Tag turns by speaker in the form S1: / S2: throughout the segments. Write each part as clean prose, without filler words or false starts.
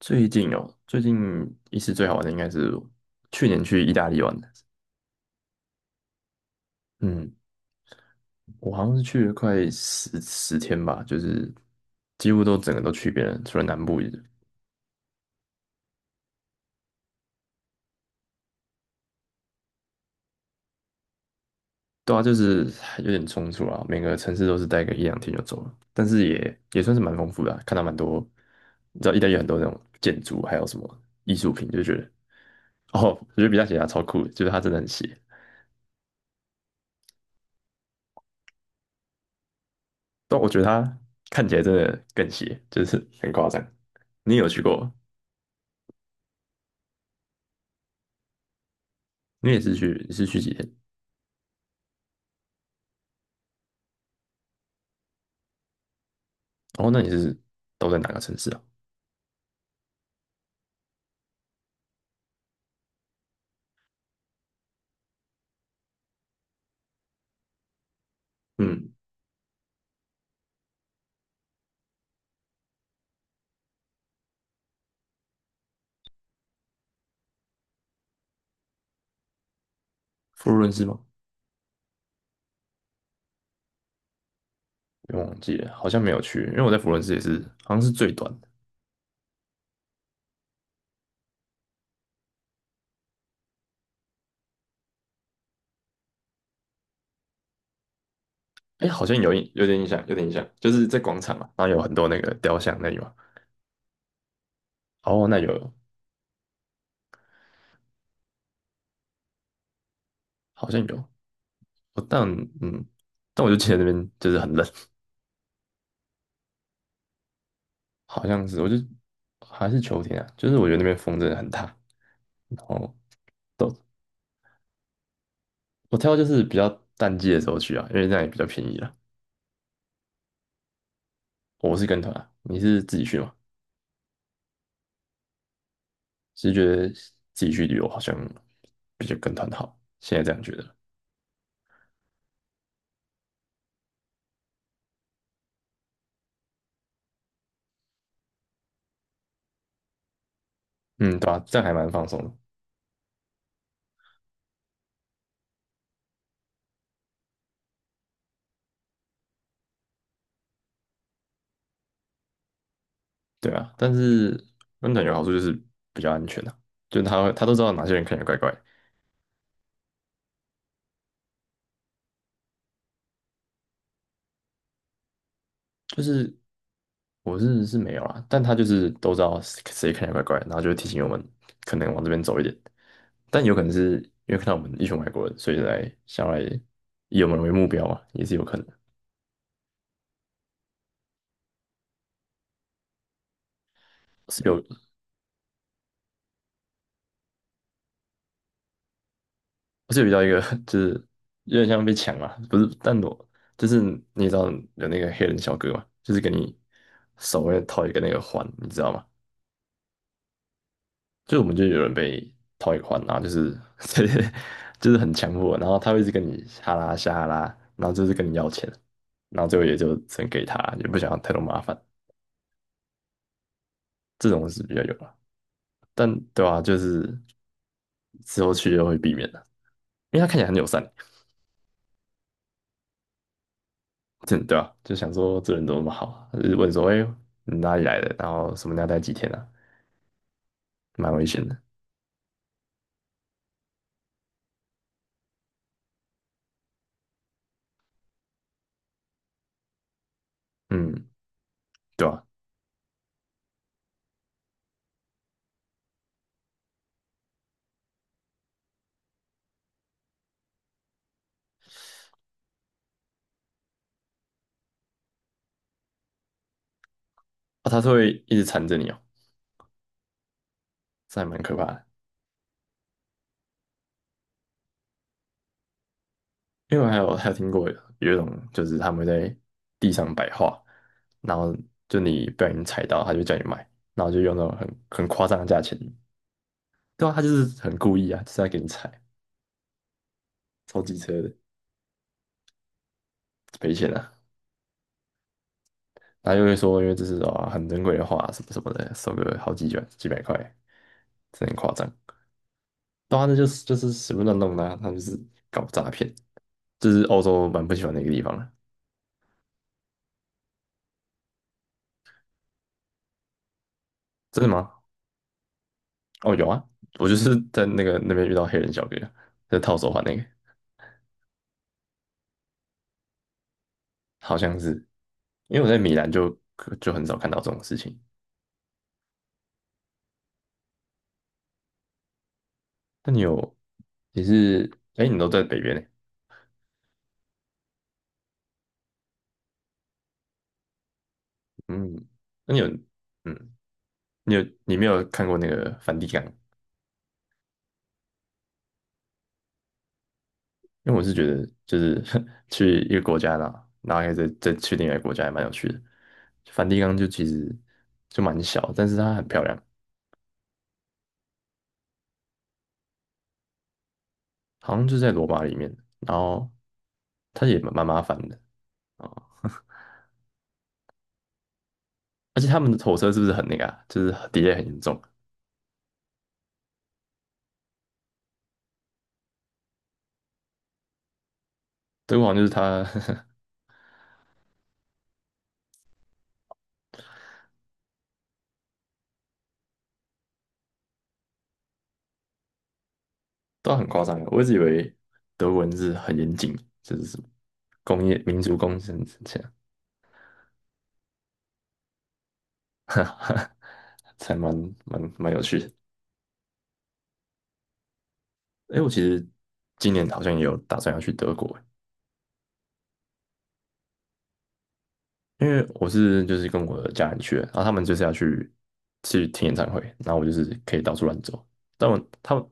S1: 最近一次最好玩的应该是去年去意大利玩的。嗯，我好像是去了快十天吧，就是几乎都整个都去遍了，除了南部一点。对啊，就是有点冲突啊，每个城市都是待个一两天就走了，但是也算是蛮丰富的啊看到蛮多，你知道意大利有很多那种建筑，还有什么艺术品，就觉得哦，我觉得比较邪啊，超酷的就是它真的很邪。但我觉得它看起来真的更邪，就是很夸张。你有去过吗？你是去几天？哦，那你是都在哪个城市啊？嗯，佛罗伦斯吗？我忘记了，好像没有去，因为我在佛罗伦斯也是，好像是最短的。哎，好像有印，有点印象，就是在广场嘛，然后有很多那个雕像那里嘛。哦，那有，好像有。我但嗯，但我就记得那边就是很冷，好像是，还是秋天啊，就是我觉得那边风真的很大。然后都我挑就是比较淡季的时候去啊，因为那样也比较便宜了。我是跟团啊，你是自己去吗？只是觉得自己去旅游好像比较跟团好，现在这样觉得。嗯，对吧？这样还蛮放松的，对啊。但是跟团有好处就是比较安全啊，就他都知道哪些人看起来怪怪，就是我是没有啦，但他就是都知道谁谁看起来怪怪，然后就会提醒我们可能往这边走一点，但有可能是因为看到我们一群外国人，所以想要来以我们为目标嘛，也是有可能。是有我是有遇到一个，就是有点像被抢嘛，不是，但我就是你也知道有那个黑人小哥嘛，就是给你手会套一个那个环，你知道吗？就我们就有人被套一个环，然后就是 对就是很强迫，然后他会一直跟你哈拉下哈拉，然后就是跟你要钱，然后最后也就只能给他，也不想要太多麻烦，这种是比较有了，但对啊，就是之后去就会避免的，因为他看起来很友善，真的啊，就想说这人怎么那么好啊？就是问说，哎、你哪里来的？然后什么你要待几天啊？蛮危险的。嗯，对啊，啊，他是会一直缠着你哦，这还蛮可怕的。因为我还有听过有一种，就是他们会在地上摆画，然后就你不小心踩到，他就叫你买，然后就用那种很夸张的价钱。对啊，他就是很故意啊，就是在给你踩，超机车的，赔钱啊。然后又会说，因为这是啊很珍贵的画，什么什么的，收个好几卷几百块，真的很夸张。然后就是随便乱弄的啊，他们就是搞诈骗，这是欧洲蛮不喜欢的一个地方的。真的吗？哦，有啊，我就是在那边遇到黑人小哥，在套手环那个，好像是，因为我在米兰就很少看到这种事情。那你有，你是，哎，你都在北边呢，嗯，那你有，嗯，你有，你没有看过那个梵蒂冈？因为我是觉得，就是 去一个国家然后又再去另外一个国家，也蛮有趣的。梵蒂冈就其实就蛮小，但是它很漂亮，好像就在罗马里面。然后它也蛮麻烦的啊，而且他们的火车是不是很那个啊？就是 d e 很严重。德国好像就是它 都很夸张的，我一直以为德文是很严谨，就是什么工业民族工程这样，才蛮有趣的。哎，我其实今年好像也有打算要去德国。因为就是跟我的家人去的，然后他们就是要去听演唱会，然后我就是可以到处乱走。但他们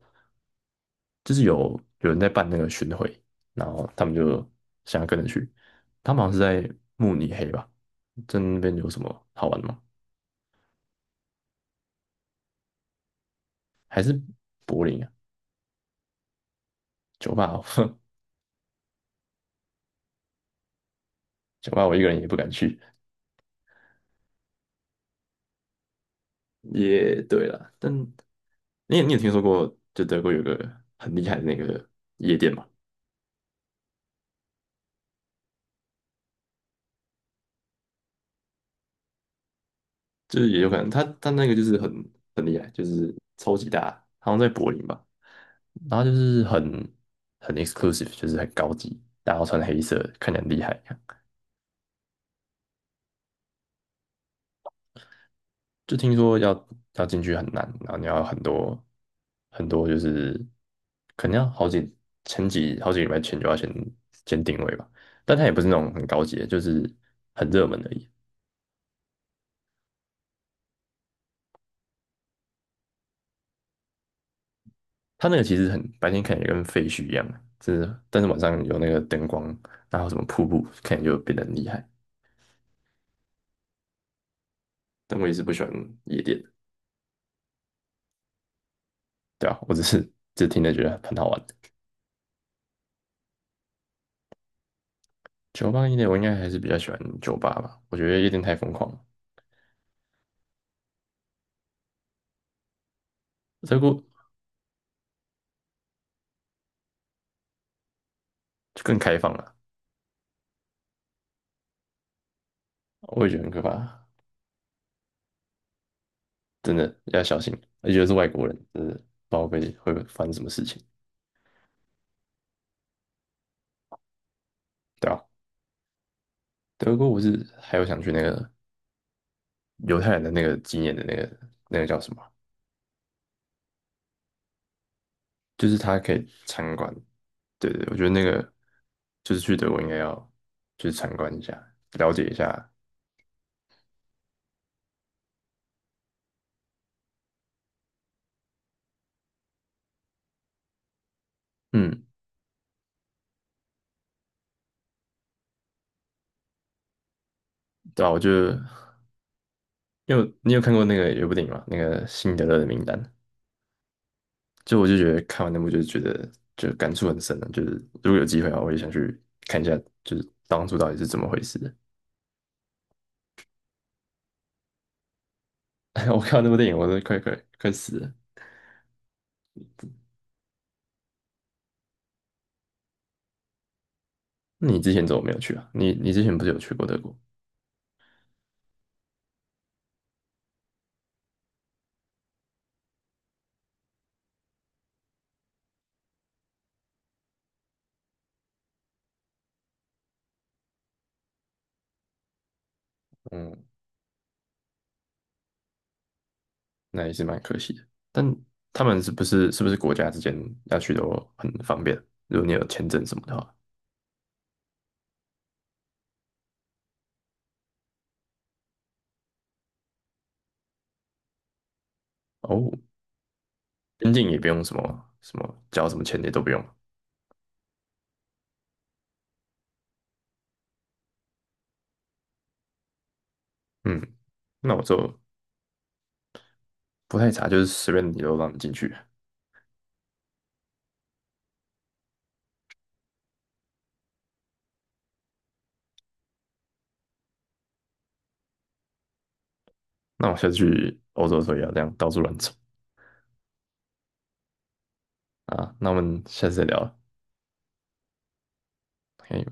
S1: 就是有人在办那个巡回，然后他们就想要跟着去。他们好像是在慕尼黑吧？在那边有什么好玩的吗？还是柏林啊？酒吧哦，酒吧我一个人也不敢去。也对了，但你有听说过就德国有个很厉害的那个夜店吗？就是也有可能，他那个就是很厉害，就是超级大，好像在柏林吧，然后就是很 exclusive，就是很高级，大家都穿黑色，看起来很厉害就听说要进去很难，然后你要很多很多，就是可能要好几前几好几个礼拜前就要先定位吧，但它也不是那种很高级的，就是很热门而已。它那个其实白天看起来跟废墟一样，就是但是晚上有那个灯光，然后什么瀑布，看起来就变得很厉害。但我也是不喜欢夜店的，对啊，我只听着觉得很好玩。酒吧夜店我应该还是比较喜欢酒吧吧，我觉得夜店太疯狂了，德个就更开放了，我也觉得很可怕，真的要小心，而且是外国人，真的不知道会发生什么事情，对啊。德国我是还有想去那个犹太人的那个纪念的那个叫什么，就是他可以参观，对对，我觉得那个就是去德国应该要去参观一下，了解一下。嗯，对啊。因为你有看过那个有部电影吗？那个《辛德勒的名单》，就我就觉得看完那部就是觉得就感触很深的，就是如果有机会啊，我也想去看一下，就是当初到底是怎么回事的。我看完那部电影，我都快死了。那你之前怎么没有去啊？你之前不是有去过德国？嗯，那也是蛮可惜的。但他们是不是国家之间要去都很方便？如果你有签证什么的话，哦，边境也不用什么什么交什么钱也都不用。嗯，那我就不太查，就是随便你都让你进去。那我下次去欧洲的时候也要这样到处乱走啊。那我们下次再聊了，OK。